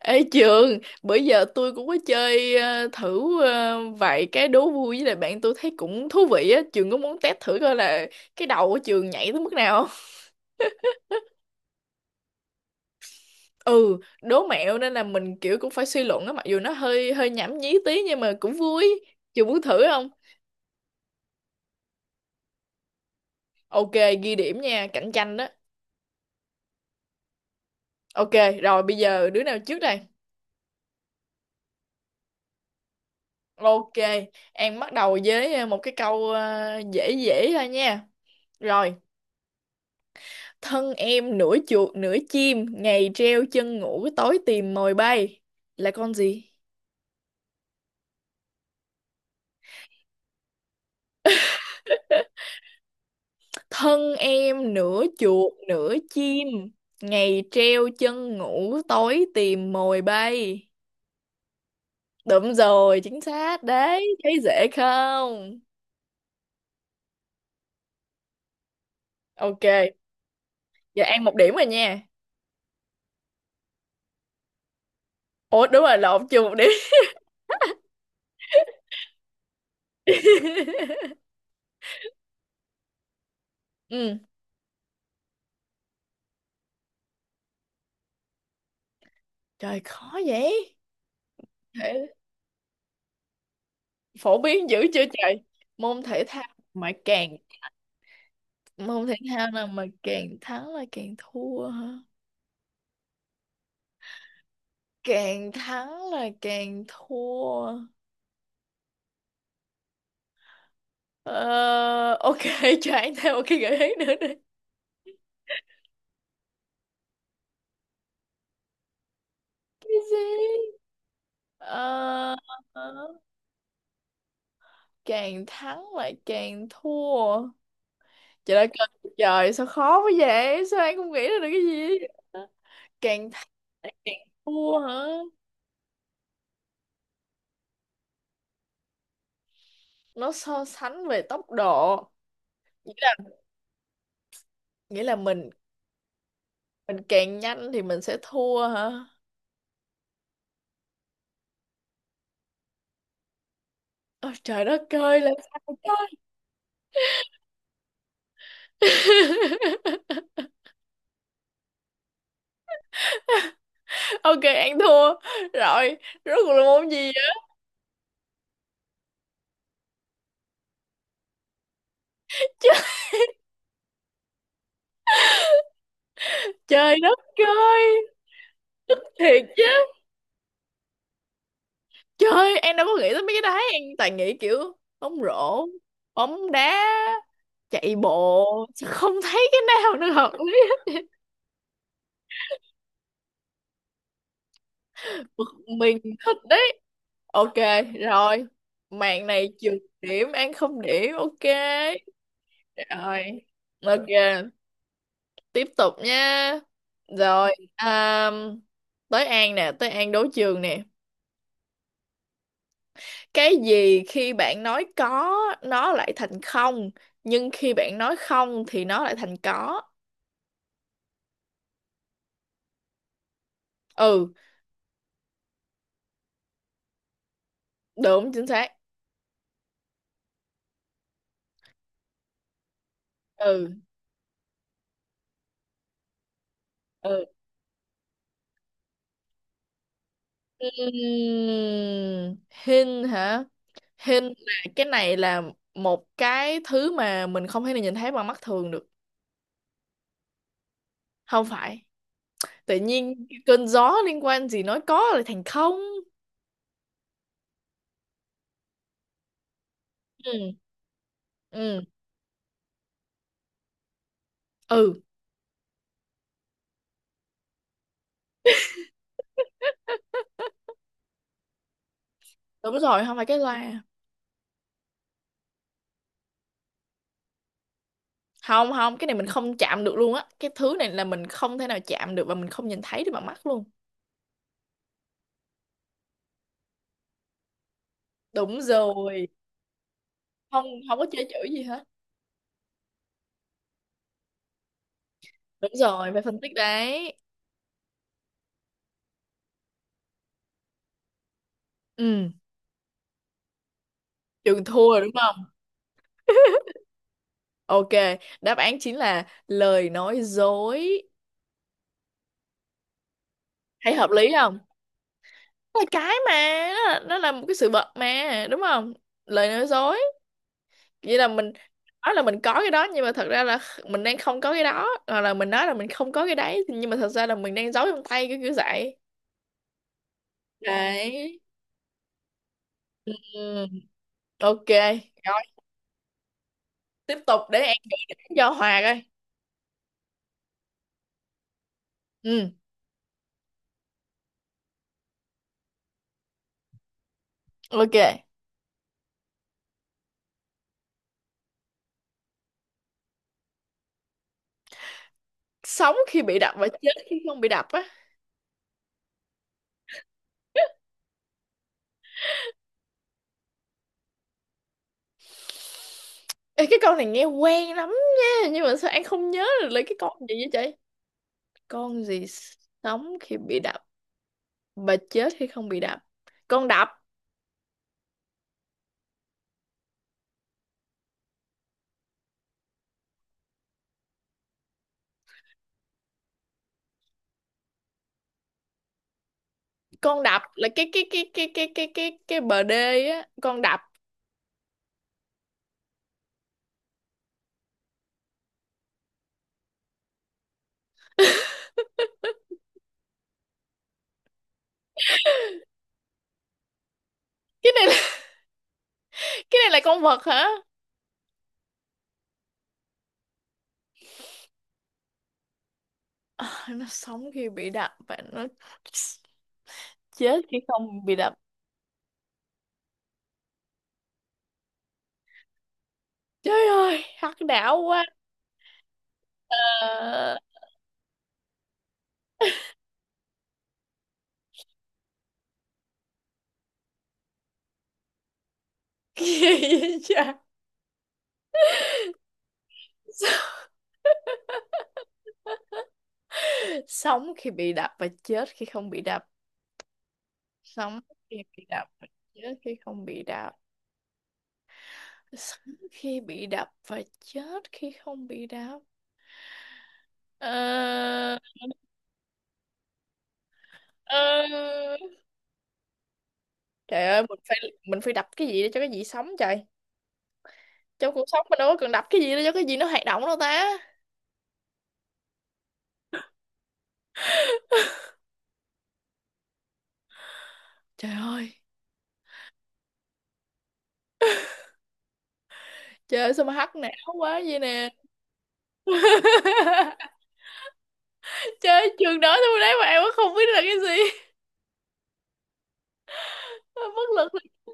Ê Trường, bữa giờ tôi cũng có chơi thử vài cái đố vui với lại bạn tôi thấy cũng thú vị á. Trường có muốn test thử coi là cái đầu của Trường nhảy tới mức nào không? Ừ, đố mẹo nên là mình kiểu cũng phải suy luận á, mặc dù nó hơi hơi nhảm nhí tí nhưng mà cũng vui. Trường muốn thử không? Ok, ghi điểm nha, cạnh tranh đó. Ok, rồi bây giờ đứa nào trước đây? Ok, em bắt đầu với một cái câu dễ dễ thôi nha. Rồi, thân em nửa chuột nửa chim, ngày treo chân ngủ tối tìm mồi bay. Là con gì? Thân em nửa chuột nửa chim, ngày treo chân ngủ tối tìm mồi bay. Đúng rồi, chính xác đấy, thấy dễ không? Ok, giờ ăn một điểm rồi nha. Ủa đúng rồi, lộn chưa một điểm. Ừ, trời khó vậy. Thể- Phổ biến dữ chưa trời? Môn thể thao mà càng môn thể thao nào mà càng thắng là càng thua hả? Càng thắng là càng thua. Ờ, ok. Cho anh thêm một cái gợi ý nữa đi. Cái gì? Ờ, càng thắng là càng thua. Trời ơi trời, trời, sao khó quá vậy, sao anh không nghĩ ra được cái gì? Càng thắng là càng thua hả? Nó so sánh về tốc độ. Nghĩa là nghĩa là mình càng nhanh thì mình sẽ thua hả? Ôi, trời đất ơi là sao ta. Ok, ăn thua. Rồi. Rốt cuộc là môn gì vậy? Ch- Trời đất ơi. Thiệt chứ. Trời, em đâu có nghĩ tới mấy cái đấy. Em toàn nghĩ kiểu bóng rổ, bóng đá, chạy bộ. Sao không thấy cái nào nó hợp lý hết. Bực mình, thích đấy. Ok, rồi. Mạng này trừ điểm, ăn không điểm. Ok, rồi, ok. Tiếp tục nha. Rồi, um, tới An nè, tới An đấu trường nè. Cái gì khi bạn nói có nó lại thành không, nhưng khi bạn nói không thì nó lại thành có? Ừ. Đúng chính xác. Ừ, ừ. Ừm, hình hả? Hình là cái này là một cái thứ mà mình không thể nào nhìn thấy bằng mắt thường được. Không phải. Tự nhiên cơn gió liên quan gì nói có lại thành không? Ừ, ừ, ừ. Đúng rồi, không phải cái loa. Không, không, cái này mình không chạm được luôn á, cái thứ này là mình không thể nào chạm được và mình không nhìn thấy được bằng mắt luôn. Đúng rồi. Không, không có chơi chữ gì hết. Đúng rồi, phải phân tích đấy. Ừ. Trường thua rồi đúng không? Ok, đáp án chính là lời nói dối. Thấy hợp lý không? Đó là cái mà nó là một cái sự vật mà đúng không? Lời nói dối, vậy là mình nói là mình có cái đó nhưng mà thật ra là mình đang không có cái đó, hoặc là mình nói là mình không có cái đấy nhưng mà thật ra là mình đang giấu trong tay, cái kiểu kiểu vậy. Đấy. Ừ, ok. Rồi, tiếp tục để em đánh cho Hòa coi. Ừ, ok. Sống khi bị đập và chết khi không bị đập á. Ê, cái câu này nghe quen lắm nha, nhưng mà sao anh không nhớ được lấy cái con gì vậy trời? Con gì sống khi bị đập và chết khi không bị đập? Con đập, con đập là cái bờ đê á, con đập. Cái này là, cái này là con vật hả? Ờ, nó sống khi bị đập và nó chết khi không bị đập. Trời ơi, hắc não quá. Ờ, kỳ vậy trời. Sống khi bị đập và chết khi không bị đập. Sống khi bị đập và chết khi không bị đập. Sống khi bị đập và chết khi không bị đập. Ờ, ờ. Trời ơi, mình phải đập cái gì để cho cái gì sống trời. Trong cuộc sống mình đâu có cần đập cái gì để cho cái gì nó hoạt động đâu ta. Trời ơi, trời ơi, sao mà hắc não quá vậy nè. Trời ơi, trường nói tôi đấy mà em cũng không biết là cái gì. Bất lực thì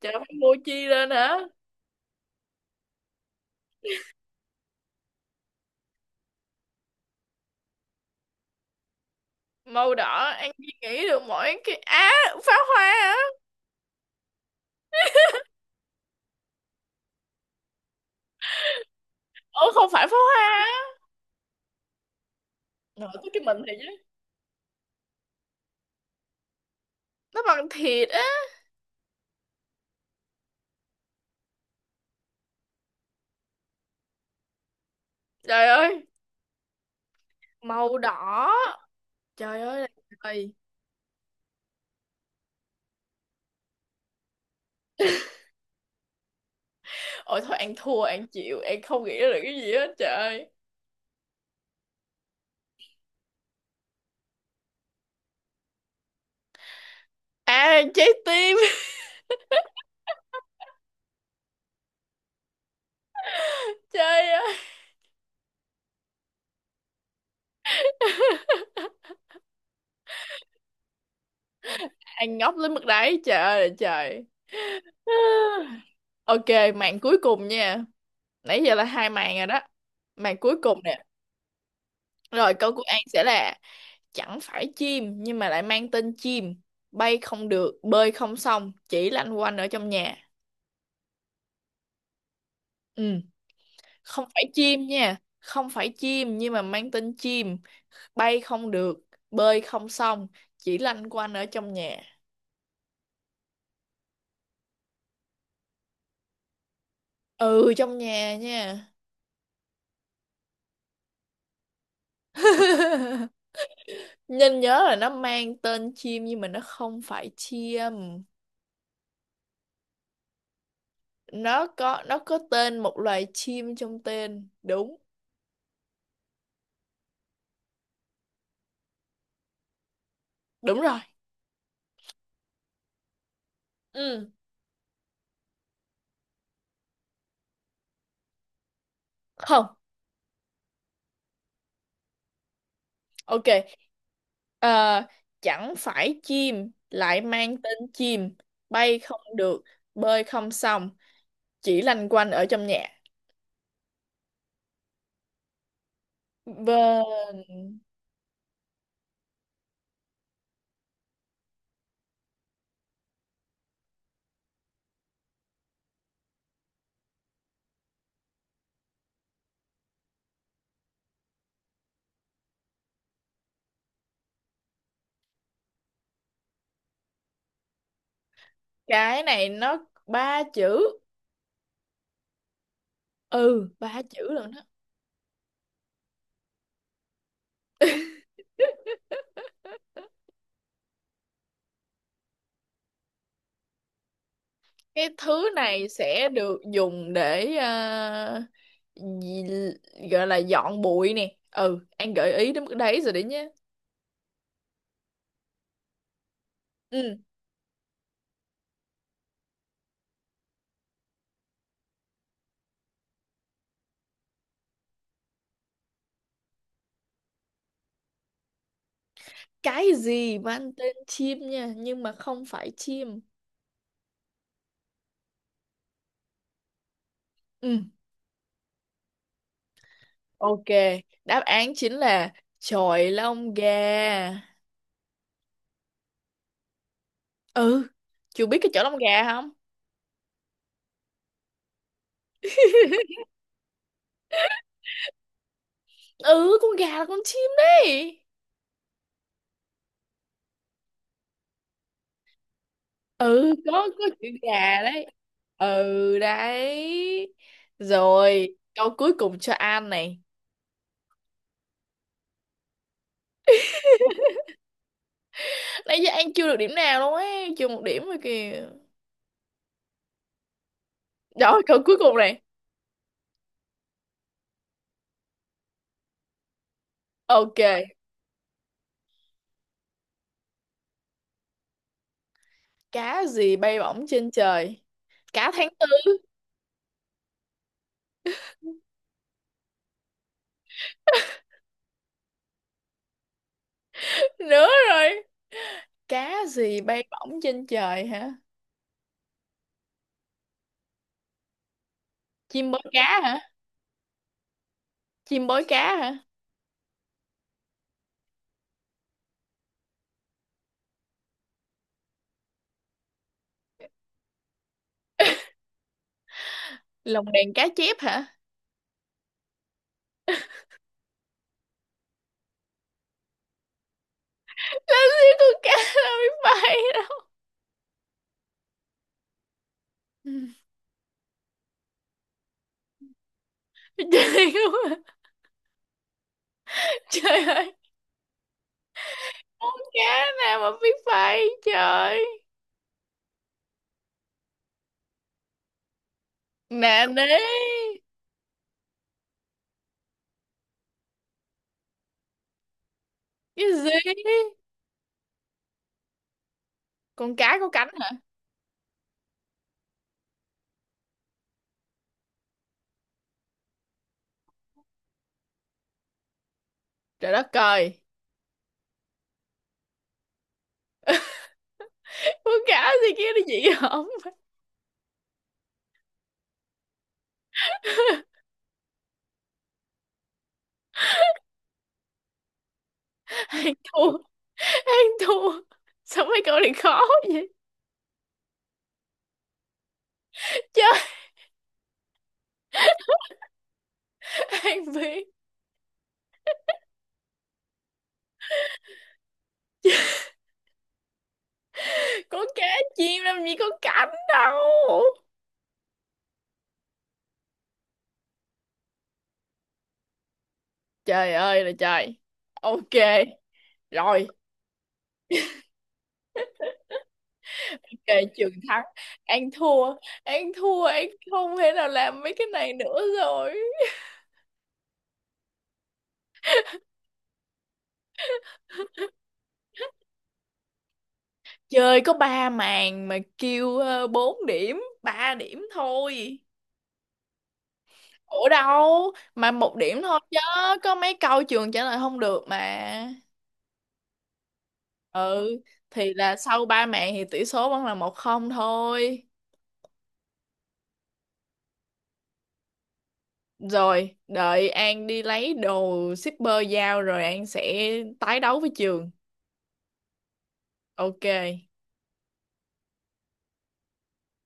chả phải mua chi lên hả? Màu đỏ An Duy nghĩ được mỗi cái á, pháo hoa á. Ủa không phải pháo hoa á? Nội có cái mình thì chứ. Nó bằng thịt á? Trời ơi, màu đỏ, trời ơi là trời. Ôi thôi, An thua, An chịu, An không nghĩ ra được cái gì hết trời. À, trái tim. Trời ơi. An ngốc đến mức đấy trời ơi là trời. Ok, màn cuối cùng nha, nãy giờ là hai màn rồi đó, màn cuối cùng nè. Rồi, câu của An sẽ là chẳng phải chim nhưng mà lại mang tên chim, bay không được, bơi không xong, chỉ lanh quanh ở trong nhà. Ừ, không phải chim nha, không phải chim nhưng mà mang tên chim, bay không được, bơi không xong, chỉ lanh quanh ở trong nhà. Ừ, trong nhà nha. Nên nhớ là nó mang tên chim nhưng mà nó không phải chim. Nó có tên một loài chim trong tên. Đúng, đúng rồi. Ừ. Không. Ok, ờ, chẳng phải chim lại mang tên chim, bay không được, bơi không xong, chỉ lanh quanh ở trong nhà. Bên cái này nó ba chữ, ừ ba chữ luôn đó. Cái thứ này sẽ được dùng để gì- gọi là dọn bụi nè. Ừ, anh gợi ý đến mức đấy rồi đấy nhé. Ừ, cái gì mang tên chim nha, nhưng mà không phải chim. Ừ. Ok, đáp án chính là chọi lông gà. Ừ, chú biết cái chọi lông gà không? Ừ, con gà là con chim đấy. Ừ, có chữ gà đấy. Ừ đấy. Rồi, câu cuối cùng cho An này. Nãy giờ An chưa được điểm nào luôn ấy, chưa một điểm rồi kìa. Đó, câu cuối cùng này. Ok, cá gì bay bổng trên trời? Cá tháng tư nữa rồi. Cá gì bay bổng trên trời hả? Chim bó cá hả? Chim bói cá hả? Lồng đèn cá chép hả? Làm gì con cá nó biết bay đâu. Trời ơi, trời ơi, con cá nào mà biết bay trời? Nè nế cái gì? Con cá có cánh hả? Trời đất trời, con cá gì kia nó gì không? Ăn thua, ăn thua, sao mấy câu này khó vậy trời. Ăn biết. Con cá chim làm gì có cánh đâu. Trời ơi là trời. Ok, rồi. Kề trường thắng, An thua. An thua, An không thể nào làm mấy cái này nữa rồi. Chơi có ba màn mà kêu bốn điểm ba điểm thôi. Ủa đâu mà một điểm thôi chứ. Có mấy câu trường trả lời không được mà. Ừ. Thì là sau ba màn thì tỷ số vẫn là 1-0 thôi. Rồi đợi An đi lấy đồ shipper giao rồi An sẽ tái đấu với trường. Ok.